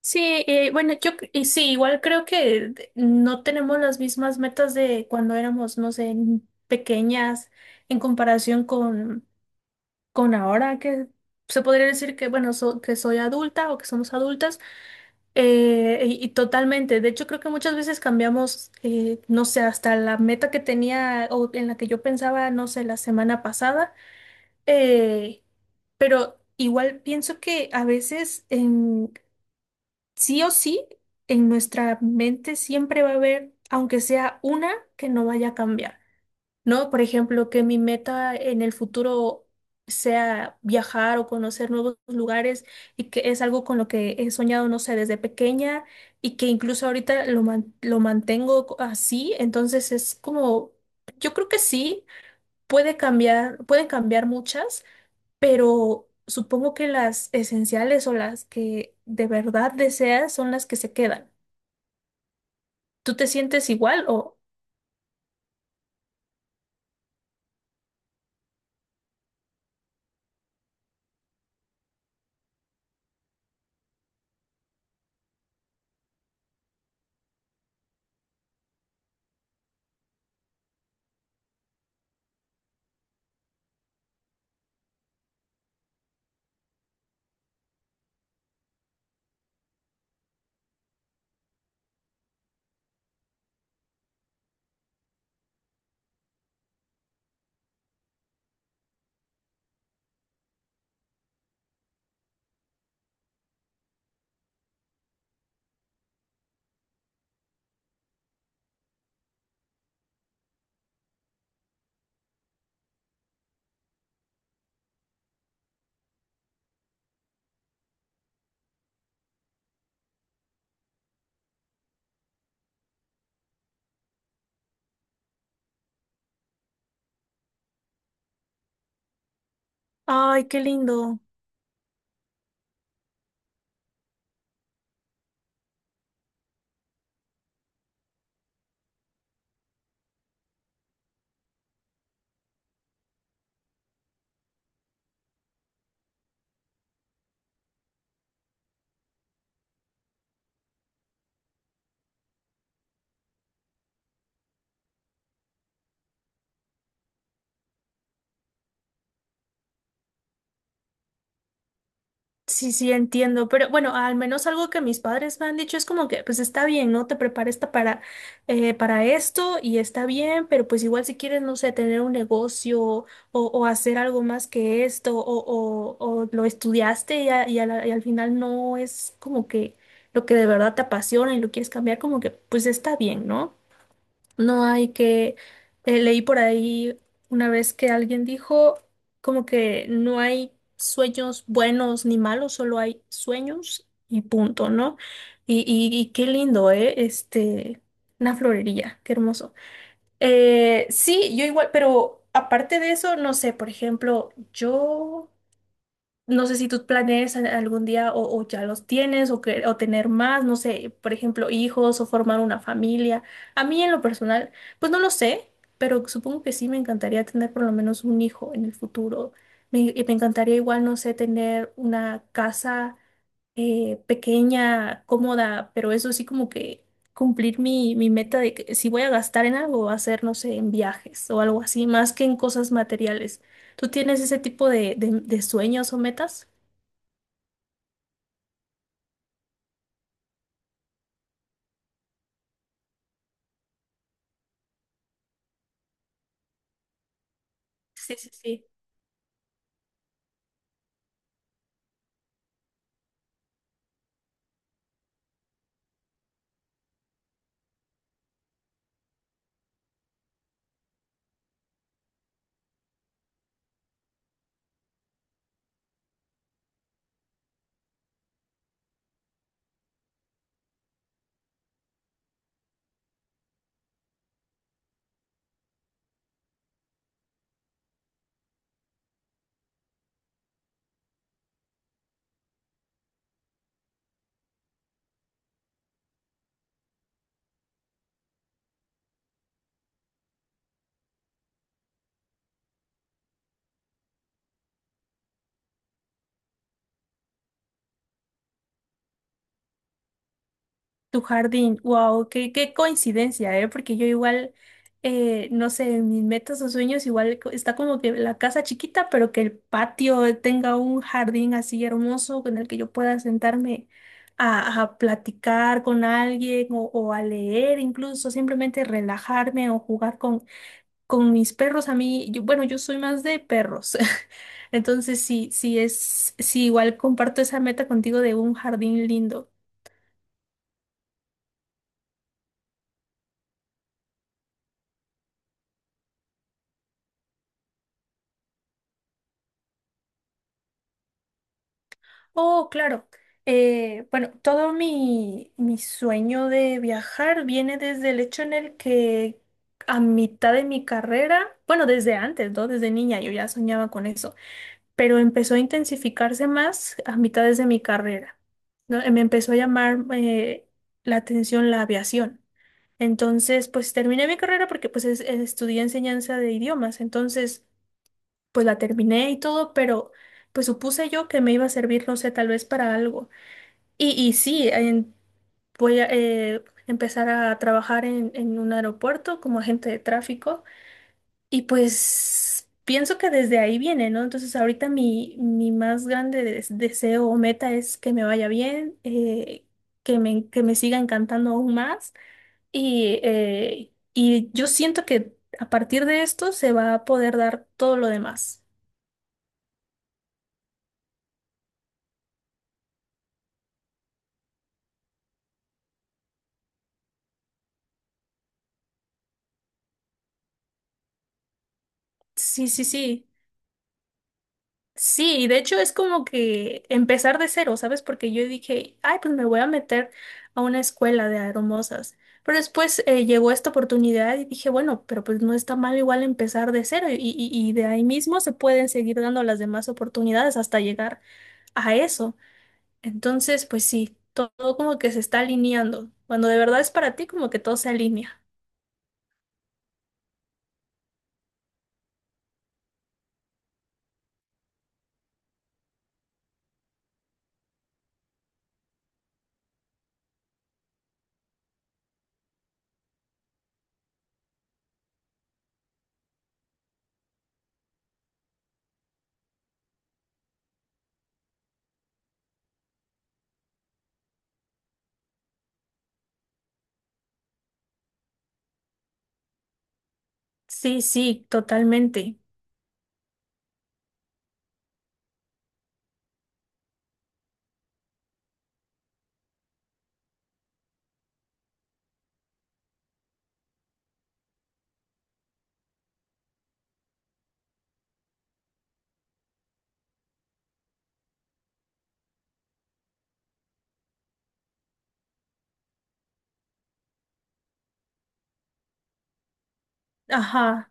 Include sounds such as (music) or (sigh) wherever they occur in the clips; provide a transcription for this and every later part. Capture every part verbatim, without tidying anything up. Sí, eh, bueno, yo y sí, igual creo que de- no tenemos las mismas metas de cuando éramos, no sé, n- pequeñas en comparación con, con ahora que se podría decir que, bueno, so- que soy adulta o que somos adultas, eh, y, y totalmente. De hecho, creo que muchas veces cambiamos, eh, no sé, hasta la meta que tenía o en la que yo pensaba, no sé, la semana pasada. eh, pero igual pienso que a veces sí o sí, en nuestra mente siempre va a haber, aunque sea una, que no vaya a cambiar, ¿no? Por ejemplo, que mi meta en el futuro sea viajar o conocer nuevos lugares y que es algo con lo que he soñado, no sé, desde pequeña y que incluso ahorita lo, man- lo mantengo co- así, entonces es como, yo creo que sí, puede cambiar, pueden cambiar muchas, pero supongo que las esenciales o las que de verdad deseas son las que se quedan. ¿Tú te sientes igual o… ay, qué lindo? Sí, sí, entiendo, pero bueno, al menos algo que mis padres me han dicho es como que, pues está bien, ¿no? Te prepares ta- para, eh, para esto y está bien, pero pues igual si quieres, no sé, tener un negocio o, o hacer algo más que esto o, o, o lo estudiaste y, a- y a la- y al final no es como que lo que de verdad te apasiona y lo quieres cambiar, como que, pues está bien, ¿no? No hay que… eh, leí por ahí una vez que alguien dijo como que no hay sueños buenos ni malos, solo hay sueños y punto, ¿no? Y, y- y qué lindo, ¿eh? Este, una florería, qué hermoso. Eh, sí, yo igual, pero aparte de eso, no sé, por ejemplo, yo… No sé si tú planees a- algún día o, o ya los tienes o, que- o tener más, no sé, por ejemplo, hijos o formar una familia. A mí en lo personal, pues no lo sé, pero supongo que sí me encantaría tener por lo menos un hijo en el futuro. Me, y me encantaría igual, no sé, tener una casa eh, pequeña, cómoda, pero eso sí como que cumplir mi, mi meta de que si voy a gastar en algo, va a ser, no sé, en viajes o algo así, más que en cosas materiales. ¿Tú tienes ese tipo de, de, de sueños o metas? Sí, sí, sí. Tu jardín, wow, qué, qué coincidencia, ¿eh? Porque yo igual, eh, no sé, en mis metas o sueños igual co- está como que la casa chiquita, pero que el patio tenga un jardín así hermoso con el que yo pueda sentarme a, a platicar con alguien o, o a leer incluso, simplemente relajarme o jugar con, con mis perros. A mí, yo, bueno, yo soy más de perros. (laughs) Entonces, sí, sí es, sí, igual comparto esa meta contigo de un jardín lindo. Oh, claro. Eh, bueno, todo mi, mi sueño de viajar viene desde el hecho en el que a mitad de mi carrera, bueno, desde antes, ¿no? Desde niña yo ya soñaba con eso, pero empezó a intensificarse más a mitades de mi carrera, ¿no? Eh, Me empezó a llamar eh, la atención la aviación. Entonces, pues terminé mi carrera porque pues es- es- estudié enseñanza de idiomas, entonces, pues la terminé y todo, pero pues supuse yo que me iba a servir, no sé, tal vez para algo. Y, y sí, en- voy a eh, empezar a trabajar en, en un aeropuerto como agente de tráfico y pues pienso que desde ahí viene, ¿no? Entonces ahorita mi, mi más grande des- deseo o meta es que me vaya bien, eh, que me, que me siga encantando aún más y, eh, y yo siento que a partir de esto se va a poder dar todo lo demás. Sí, sí, sí. Sí, y de hecho es como que empezar de cero, ¿sabes? Porque yo dije, ay, pues me voy a meter a una escuela de hermosas. Pero después eh, llegó esta oportunidad y dije, bueno, pero pues no está mal igual empezar de cero y, y- y de ahí mismo se pueden seguir dando las demás oportunidades hasta llegar a eso. Entonces, pues sí, todo como que se está alineando. Cuando de verdad es para ti, como que todo se alinea. Sí, sí, totalmente. Ajá,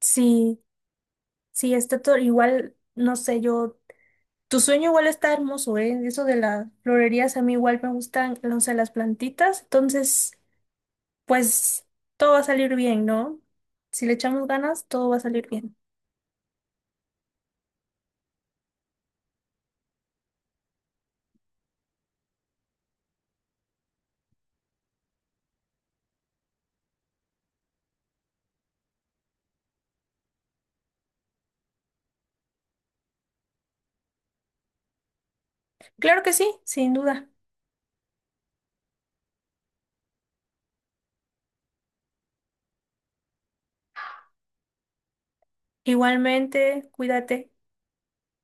sí, sí, está todo igual, no sé, yo. Tu sueño igual está hermoso, ¿eh? Eso de las florerías a mí igual me gustan, no sé, las plantitas. Entonces, pues todo va a salir bien, ¿no? Si le echamos ganas, todo va a salir bien. Claro que sí, sin duda. Igualmente, cuídate.